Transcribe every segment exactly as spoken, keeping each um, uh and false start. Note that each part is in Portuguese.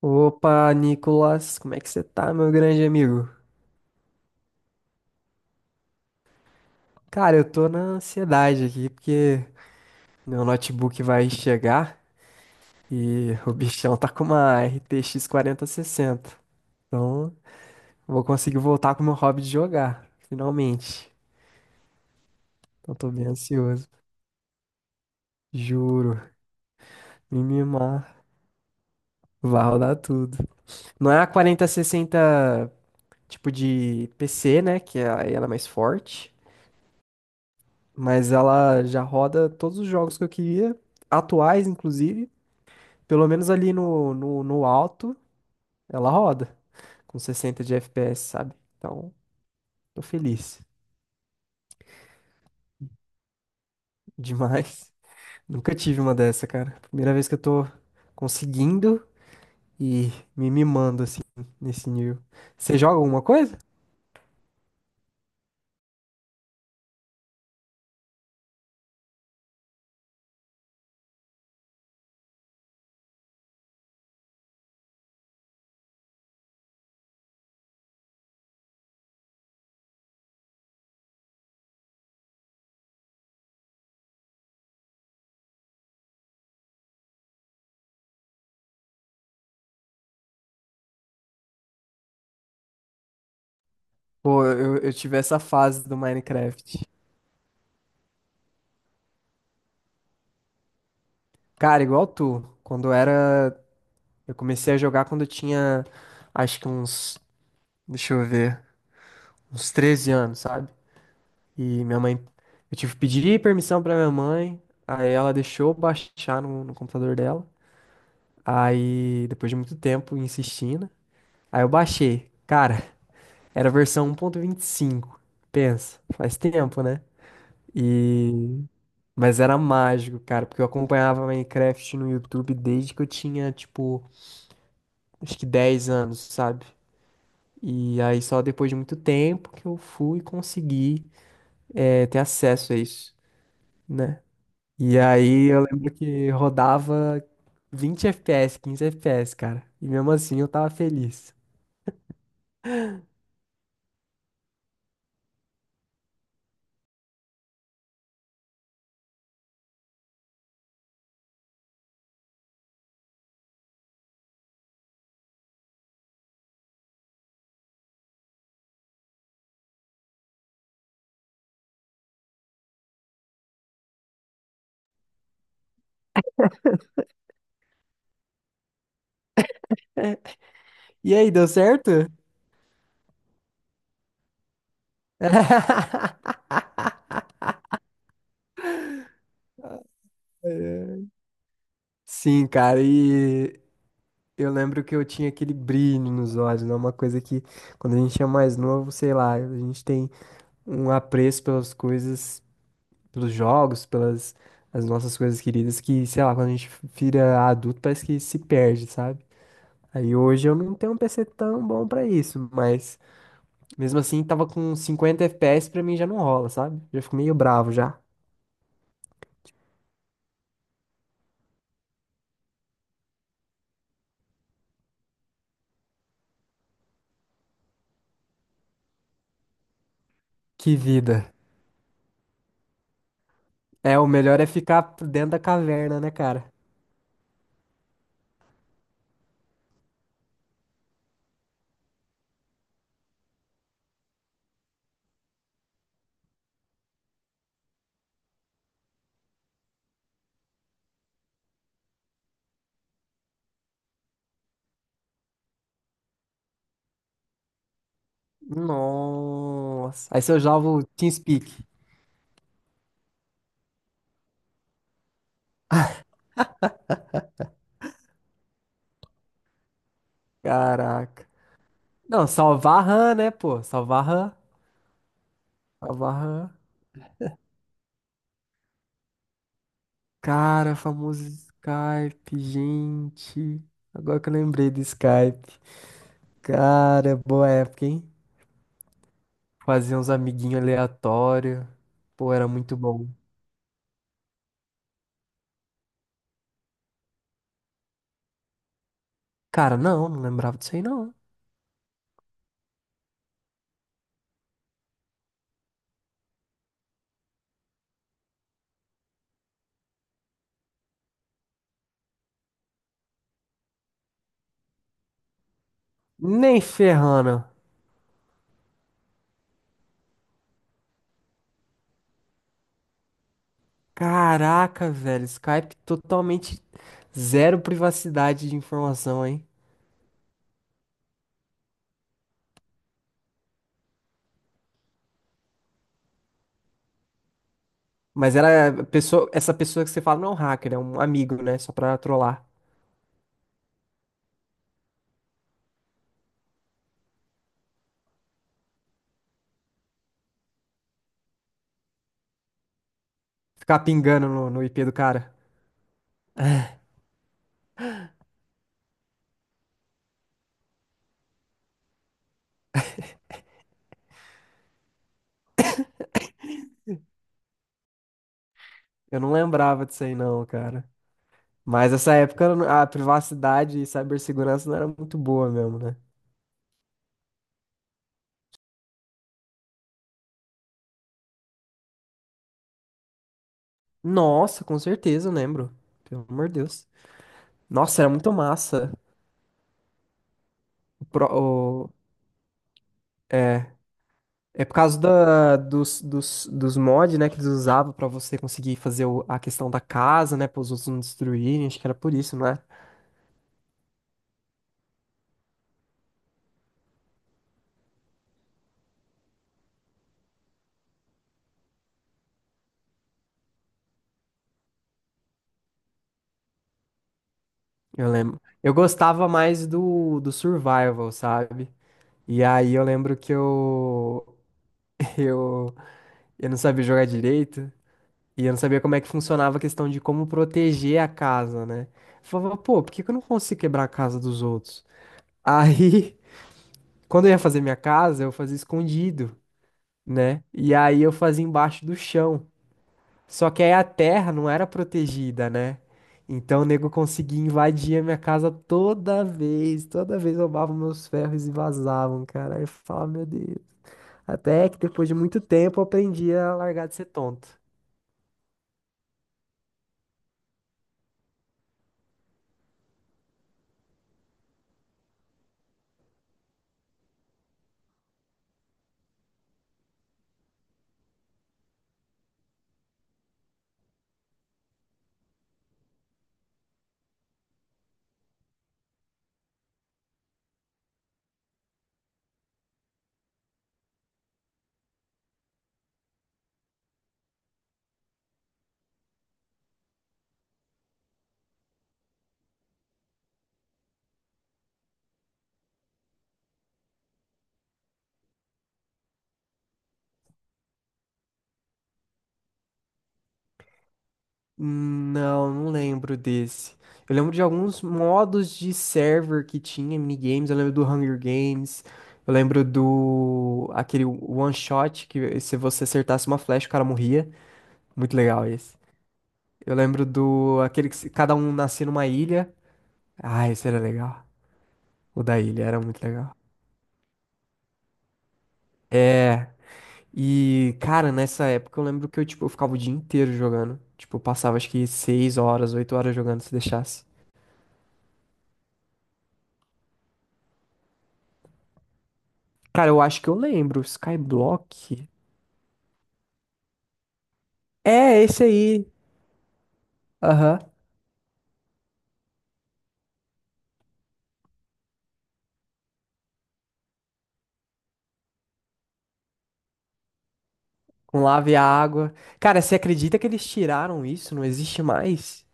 Opa, Nicolas, como é que você tá, meu grande amigo? Cara, eu tô na ansiedade aqui porque meu notebook vai chegar e o bichão tá com uma R T X quarenta e sessenta. Então, vou conseguir voltar com o meu hobby de jogar, finalmente. Então, tô bem ansioso, juro. Me mimar, vai rodar tudo. Não é a quarenta e sessenta tipo de P C, né? Que é, aí ela é mais forte. Mas ela já roda todos os jogos que eu queria, atuais inclusive, pelo menos ali no, no, no alto, ela roda, com sessenta de F P S, sabe? Então, tô feliz demais. Nunca tive uma dessa, cara. Primeira vez que eu tô conseguindo e me mimando assim, nesse nível. Você joga alguma coisa? Pô, eu, eu tive essa fase do Minecraft. Cara, igual tu, quando eu era. Eu comecei a jogar quando eu tinha, acho que uns. Deixa eu ver. Uns treze anos, sabe? E minha mãe, eu tive que pedir permissão pra minha mãe, aí ela deixou eu baixar no, no computador dela. Aí, depois de muito tempo insistindo, aí eu baixei. Cara, era a versão um ponto vinte e cinco. Pensa, faz tempo, né? E mas era mágico, cara, porque eu acompanhava Minecraft no YouTube desde que eu tinha, tipo, acho que dez anos, sabe? E aí só depois de muito tempo que eu fui conseguir eh, ter acesso a isso, né? E aí eu lembro que rodava vinte F P S, quinze F P S, cara. E mesmo assim eu tava feliz. E aí, deu certo? Sim, cara, e eu lembro que eu tinha aquele brilho nos olhos, né? Uma coisa que quando a gente é mais novo, sei lá, a gente tem um apreço pelas coisas, pelos jogos, pelas as nossas coisas queridas, que, sei lá, quando a gente vira adulto, parece que se perde, sabe? Aí hoje eu não tenho um P C tão bom pra isso, mas mesmo assim tava com cinquenta F P S pra mim já não rola, sabe? Já fico meio bravo já. Que vida. É, o melhor é ficar dentro da caverna, né, cara? Nossa. Aí se eu jogo TeamSpeak. Caraca. Não, salvar RAM, né, pô? Salvar RAM. Salvar RAM. Cara, famoso Skype, gente. Agora que eu lembrei do Skype. Cara, é boa época, hein? Fazia uns amiguinhos aleatórios. Pô, era muito bom. Cara, não, não lembrava disso aí, não. Nem ferrando. Caraca, velho, Skype totalmente zero privacidade de informação, hein? Mas era a pessoa, essa pessoa que você fala não é um hacker, é um amigo, né? Só pra trollar. Ficar pingando no, no I P do cara. Eu não lembrava disso aí, não, cara. Mas essa época a privacidade e cibersegurança não era muito boa mesmo, né? Nossa, com certeza, eu lembro. Pelo amor de Deus. Nossa, era muito massa. O, pro- o- é, é por causa da, dos, dos, dos mods, né, que eles usavam pra você conseguir fazer o- a questão da casa, né, para os outros não destruírem. Acho que era por isso, né? Eu lembro. Eu gostava mais do, do survival, sabe? E aí eu lembro que eu, eu, eu não sabia jogar direito e eu não sabia como é que funcionava a questão de como proteger a casa, né? Eu falava, pô, por que que eu não consigo quebrar a casa dos outros? Aí quando eu ia fazer minha casa, eu fazia escondido, né? E aí eu fazia embaixo do chão. Só que aí a terra não era protegida, né? Então o nego conseguia invadir a minha casa toda vez, toda vez roubavam meus ferros e vazavam, cara. Aí eu falava, meu Deus. Até que depois de muito tempo eu aprendi a largar de ser tonto. Hum, Não, não lembro desse. Eu lembro de alguns modos de server que tinha, minigames. Eu lembro do Hunger Games. Eu lembro do... Aquele one shot que se você acertasse uma flecha, o cara morria. Muito legal esse. Eu lembro do... Aquele que se- cada um nascia numa ilha. Ah, esse era legal. O da ilha era muito legal. É... E, cara, nessa época eu lembro que eu, tipo, eu ficava o dia inteiro jogando. Tipo, eu passava acho que seis horas, oito horas jogando se deixasse. Cara, eu acho que eu lembro. Skyblock. É, esse aí. Aham. Com lava e água. Cara, você acredita que eles tiraram isso? Não existe mais?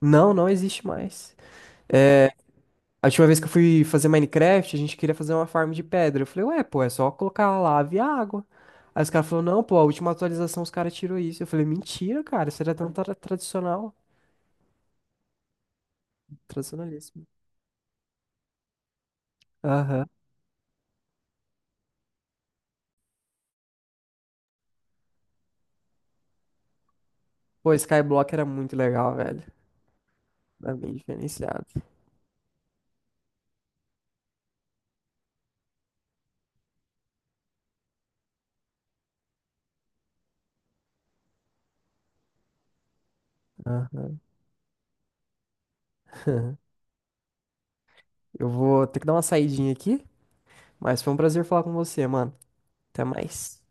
Não, não existe mais. É, a última vez que eu fui fazer Minecraft, a gente queria fazer uma farm de pedra. Eu falei, ué, pô, é só colocar lava e água. Aí os caras falaram, não, pô, a última atualização os caras tirou isso. Eu falei, mentira, cara, isso era tão tra- tradicional. Tradicionalíssimo. Aham. Pô, Skyblock era muito legal, velho. Era bem diferenciado. Aham. Eu vou ter que dar uma saidinha aqui, mas foi um prazer falar com você, mano. Até mais.